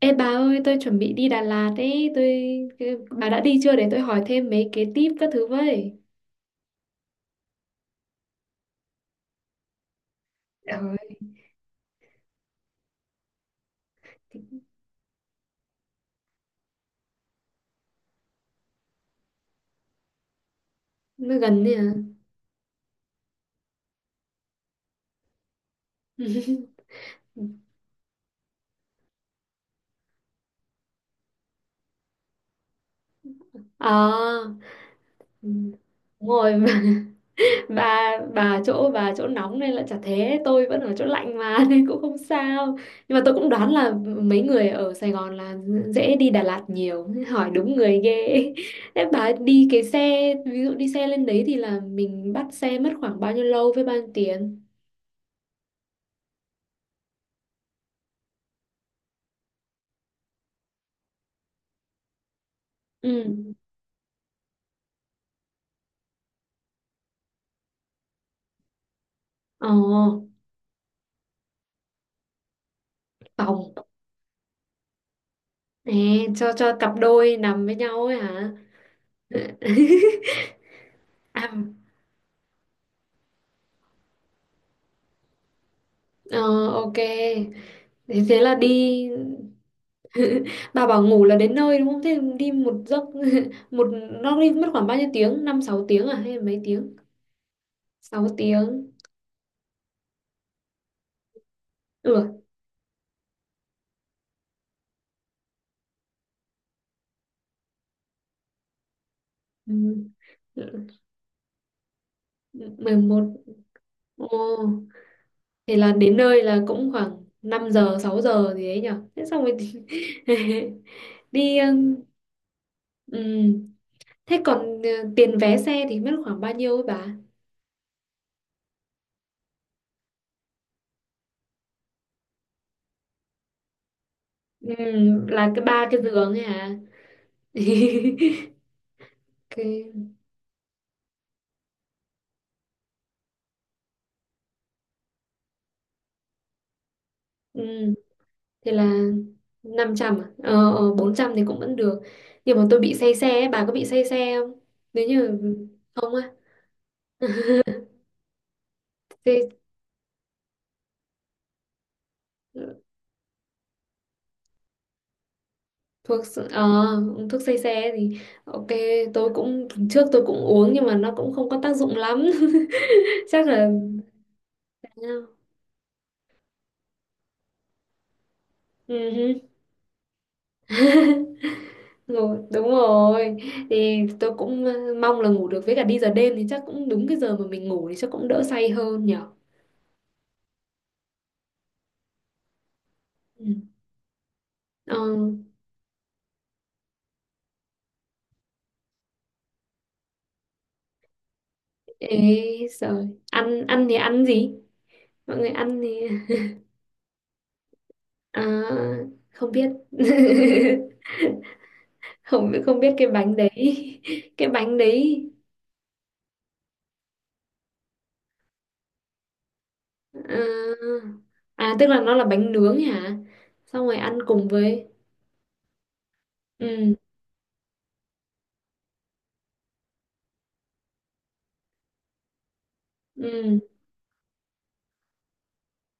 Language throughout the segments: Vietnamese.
Ê bà ơi, tôi chuẩn bị đi Đà Lạt ấy, bà đã đi chưa để tôi hỏi thêm mấy cái tip các thứ với. Trời, nó gần đấy à. Ờ. Ừ, đúng bà, bà chỗ nóng nên là chả thế, tôi vẫn ở chỗ lạnh mà nên cũng không sao. Nhưng mà tôi cũng đoán là mấy người ở Sài Gòn là dễ đi Đà Lạt nhiều, hỏi đúng người ghê. Thế bà đi cái xe, ví dụ đi xe lên đấy thì là mình bắt xe mất khoảng bao nhiêu lâu với bao nhiêu tiền? Ừ. Ồ, vòng. Nè, cho cặp đôi nằm với nhau ấy hả? À, ờ, ok. Thế thế là đi, bà bảo ngủ là đến nơi đúng không? Thế đi một giấc, một nó đi mất khoảng bao nhiêu tiếng? Năm sáu tiếng à hay là mấy tiếng? Sáu tiếng. Ừ. Mười một. Ồ, thế là đến nơi là cũng khoảng 5 giờ 6 giờ gì ấy nhở. Thế xong rồi thì- đi, ừ, thế còn tiền vé xe thì mất khoảng bao nhiêu ấy bà? Ừ, là cái ba cái giường ấy hả? Cái, ừ, thì là 500 à? Ờ, ờ, 400 thì cũng vẫn được. Nhưng mà tôi bị say xe ấy, bà có bị say xe không? Nếu như không á. Thế ờ, thuốc, ờ, thuốc say xe thì ok, tôi cũng trước tôi cũng uống nhưng mà nó cũng không có tác dụng lắm, chắc là ừ hứ. Rồi đúng rồi thì tôi cũng mong là ngủ được với cả đi giờ đêm thì chắc cũng đúng cái giờ mà mình ngủ thì chắc cũng đỡ say hơn nhở. Ừ. Ờ, ê rồi ăn ăn thì ăn gì mọi người ăn thì à, không biết. Không biết, không biết cái bánh đấy, cái bánh đấy à, à tức là nó là bánh nướng hả, xong rồi ăn cùng với ừ. Ừ,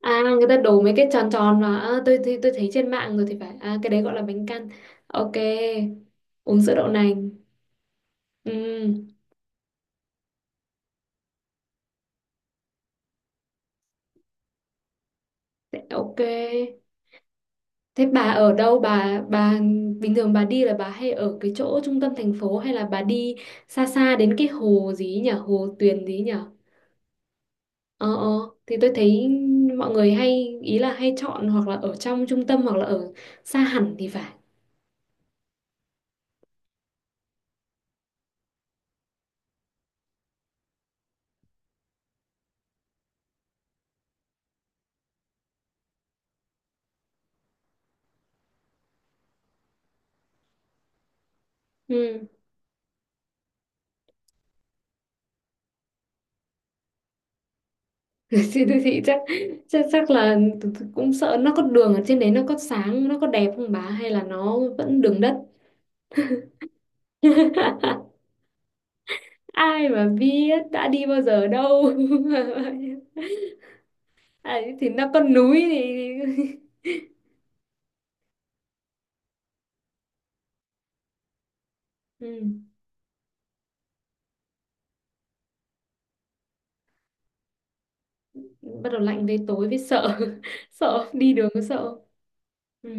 à người ta đổ mấy cái tròn tròn mà à, tôi thấy trên mạng rồi thì phải, à cái đấy gọi là bánh căn. Ok, uống sữa đậu nành. Ừ, thế, ok. Thế bà ở đâu? Bà bình thường bà đi là bà hay ở cái chỗ trung tâm thành phố hay là bà đi xa xa đến cái hồ gì ấy nhỉ? Hồ Tuyền gì ấy nhỉ? Ờ ờ, thì tôi thấy mọi người hay ý là hay chọn hoặc là ở trong trung tâm hoặc là ở xa hẳn thì phải. Ừ. Trên đô thị chắc, chắc là tớ cũng sợ nó có đường ở trên đấy nó có sáng nó có đẹp không bà hay là nó vẫn đường đất. Ai mà biết đã đi bao giờ đâu. Ấy, thì nó có núi thì ừ. Bắt đầu lạnh về tối với sợ, sợ đi đường có sợ ừ.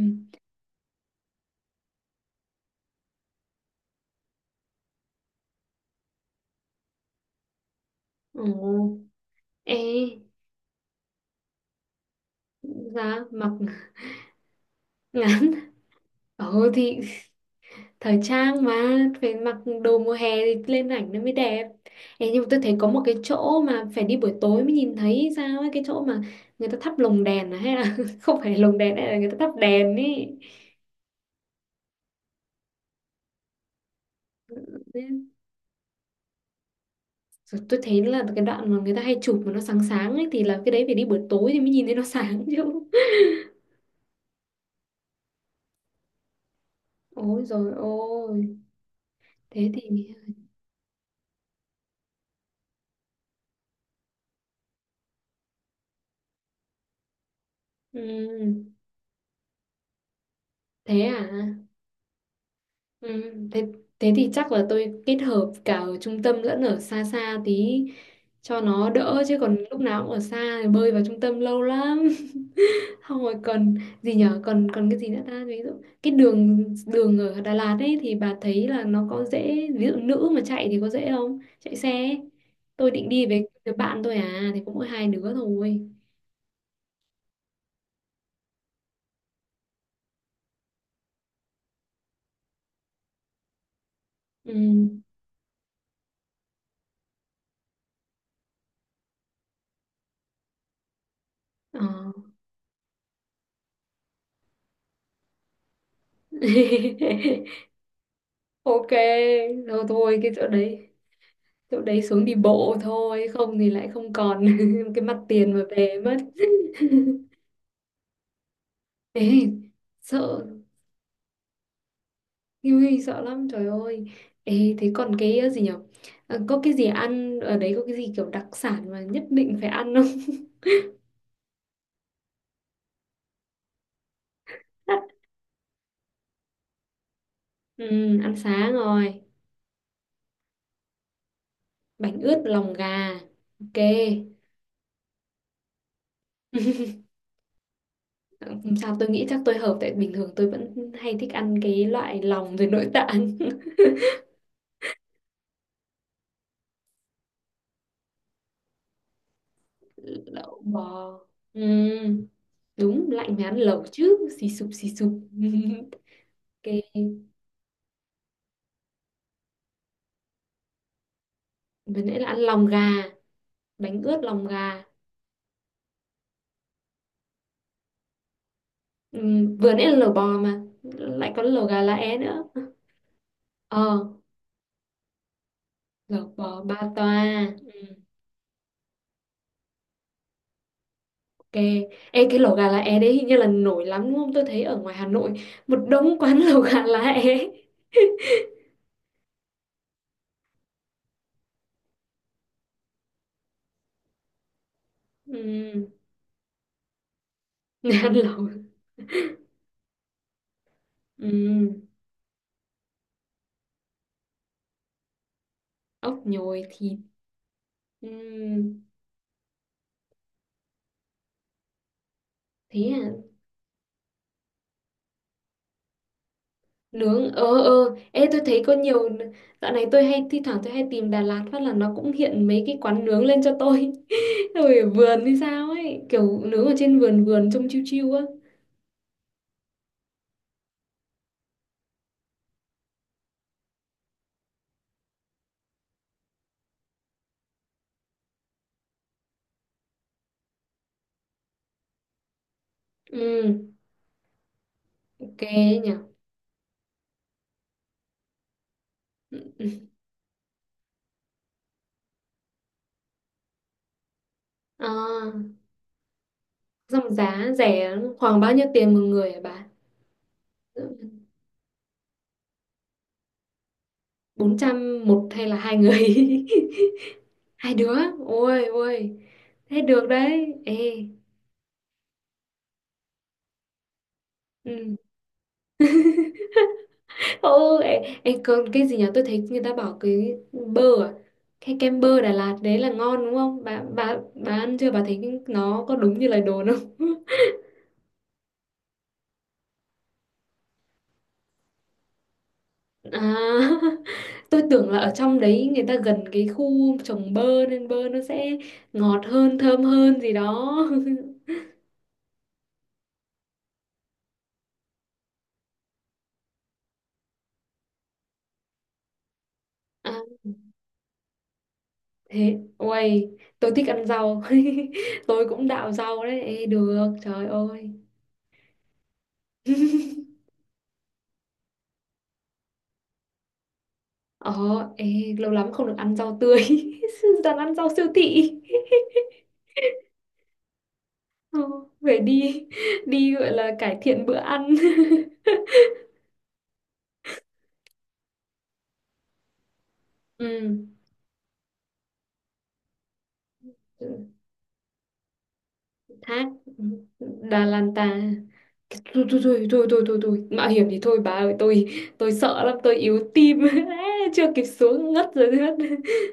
Ồ. Ê giá mặc ngắn, ồ thì thời trang mà, phải mặc đồ mùa hè thì lên ảnh nó mới đẹp. Ê, nhưng mà tôi thấy có một cái chỗ mà phải đi buổi tối mới nhìn thấy sao ấy, cái chỗ mà người ta thắp lồng đèn à, hay là không phải lồng đèn hay là người ta thắp đèn ấy. Nên- rồi tôi thấy là cái đoạn mà người ta hay chụp mà nó sáng sáng ấy thì là cái đấy phải đi buổi tối thì mới nhìn thấy nó sáng chứ. Ôi rồi ôi thế thì ừ, thế à. Ừ, thế, thế thì chắc là tôi kết hợp cả ở trung tâm lẫn ở xa xa tí cho nó đỡ chứ còn lúc nào cũng ở xa thì bơi vào trung tâm lâu lắm. Không rồi còn gì nhở, còn còn cái gì nữa ta, ví dụ cái đường đường ở Đà Lạt ấy thì bà thấy là nó có dễ, ví dụ nữ mà chạy thì có dễ không, chạy xe ấy. Tôi định đi với đứa bạn tôi à thì cũng mỗi hai đứa thôi ừ. Ờ. Ok rồi thôi cái chỗ đấy, chỗ đấy xuống đi bộ thôi không thì lại không còn cái mặt tiền mà về mất. Ê sợ. Ui, sợ lắm trời ơi. Ê thế còn cái gì nhở. Ờ, có cái gì ăn ở đấy, có cái gì kiểu đặc sản mà nhất định phải ăn không? Ừ, ăn sáng rồi bánh ướt lòng gà, ok. Không sao tôi nghĩ chắc tôi hợp tại bình thường tôi vẫn hay thích ăn cái loại lòng rồi nội tạng. Lẩu bò, ừ. Đúng lạnh mới ăn lẩu chứ xì sụp xì sụp. Ok, vừa nãy là ăn lòng gà, bánh ướt lòng gà. Vừa nãy là lẩu bò mà lại có lẩu gà lá é nữa, ờ. Lẩu bò ba toa. Ừm, ok. Ê, cái lẩu gà lá é đấy hình như là nổi lắm đúng không, tôi thấy ở ngoài Hà Nội một đống quán lẩu gà lá é. Ừm, ăn lẩu. Ừm, ốc nhồi thịt. Ừm, thế à. Nướng ờ ờ, ê tôi thấy có nhiều, dạo này tôi hay thi thoảng tôi hay tìm Đà Lạt phát là nó cũng hiện mấy cái quán nướng lên cho tôi. Rồi ở vườn hay sao ấy, kiểu nướng ở trên vườn vườn trông chiêu chiêu á, ừ, ok nhỉ. À, dòng giá rẻ khoảng bao nhiêu tiền một người hả bà? 400 một hay là hai người? Hai đứa, ôi ôi thế được đấy ê, ừ. Ừ ấy, ấy, còn cái gì nhỉ, tôi thấy người ta bảo cái bơ à, cái kem bơ Đà Lạt đấy là ngon đúng không bà, bà ăn chưa bà thấy nó có đúng như lời đồn không? À, tôi tưởng là ở trong đấy người ta gần cái khu trồng bơ nên bơ nó sẽ ngọt hơn thơm hơn gì đó. À, thế uầy tôi thích ăn rau. Tôi cũng đạo rau đấy. Ê, được, trời ơi. Ờ, ê, lâu lắm không được ăn rau tươi. Toàn ăn rau siêu thị. Ờ, phải đi, đi gọi là cải thiện bữa ăn. Ừ, thác Đà Lan ta. Thôi thôi thôi thôi thôi thôi, thôi. Mạo hiểm thì thôi bà ơi, tôi sợ lắm, tôi yếu tim. Á, chưa kịp xuống ngất rồi đấy.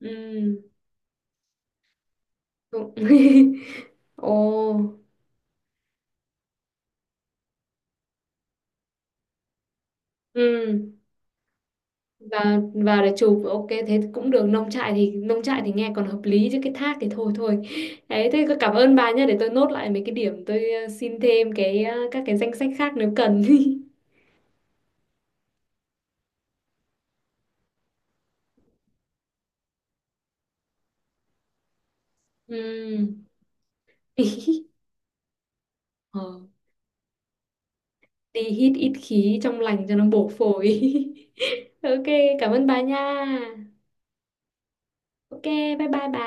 Ừ. cũng- Ồ. Ừ. Và để chụp, ok thế cũng được, nông trại thì, nông trại thì nghe còn hợp lý chứ cái thác thì thôi thôi. Đấy thế cảm ơn bà nhé, để tôi nốt lại mấy cái điểm tôi xin thêm cái các cái danh sách khác nếu cần. Ừm. Ờ, đi hít ít khí trong lành cho nó bổ phổi. Ok cảm ơn bà nha. Ok bye bye bà.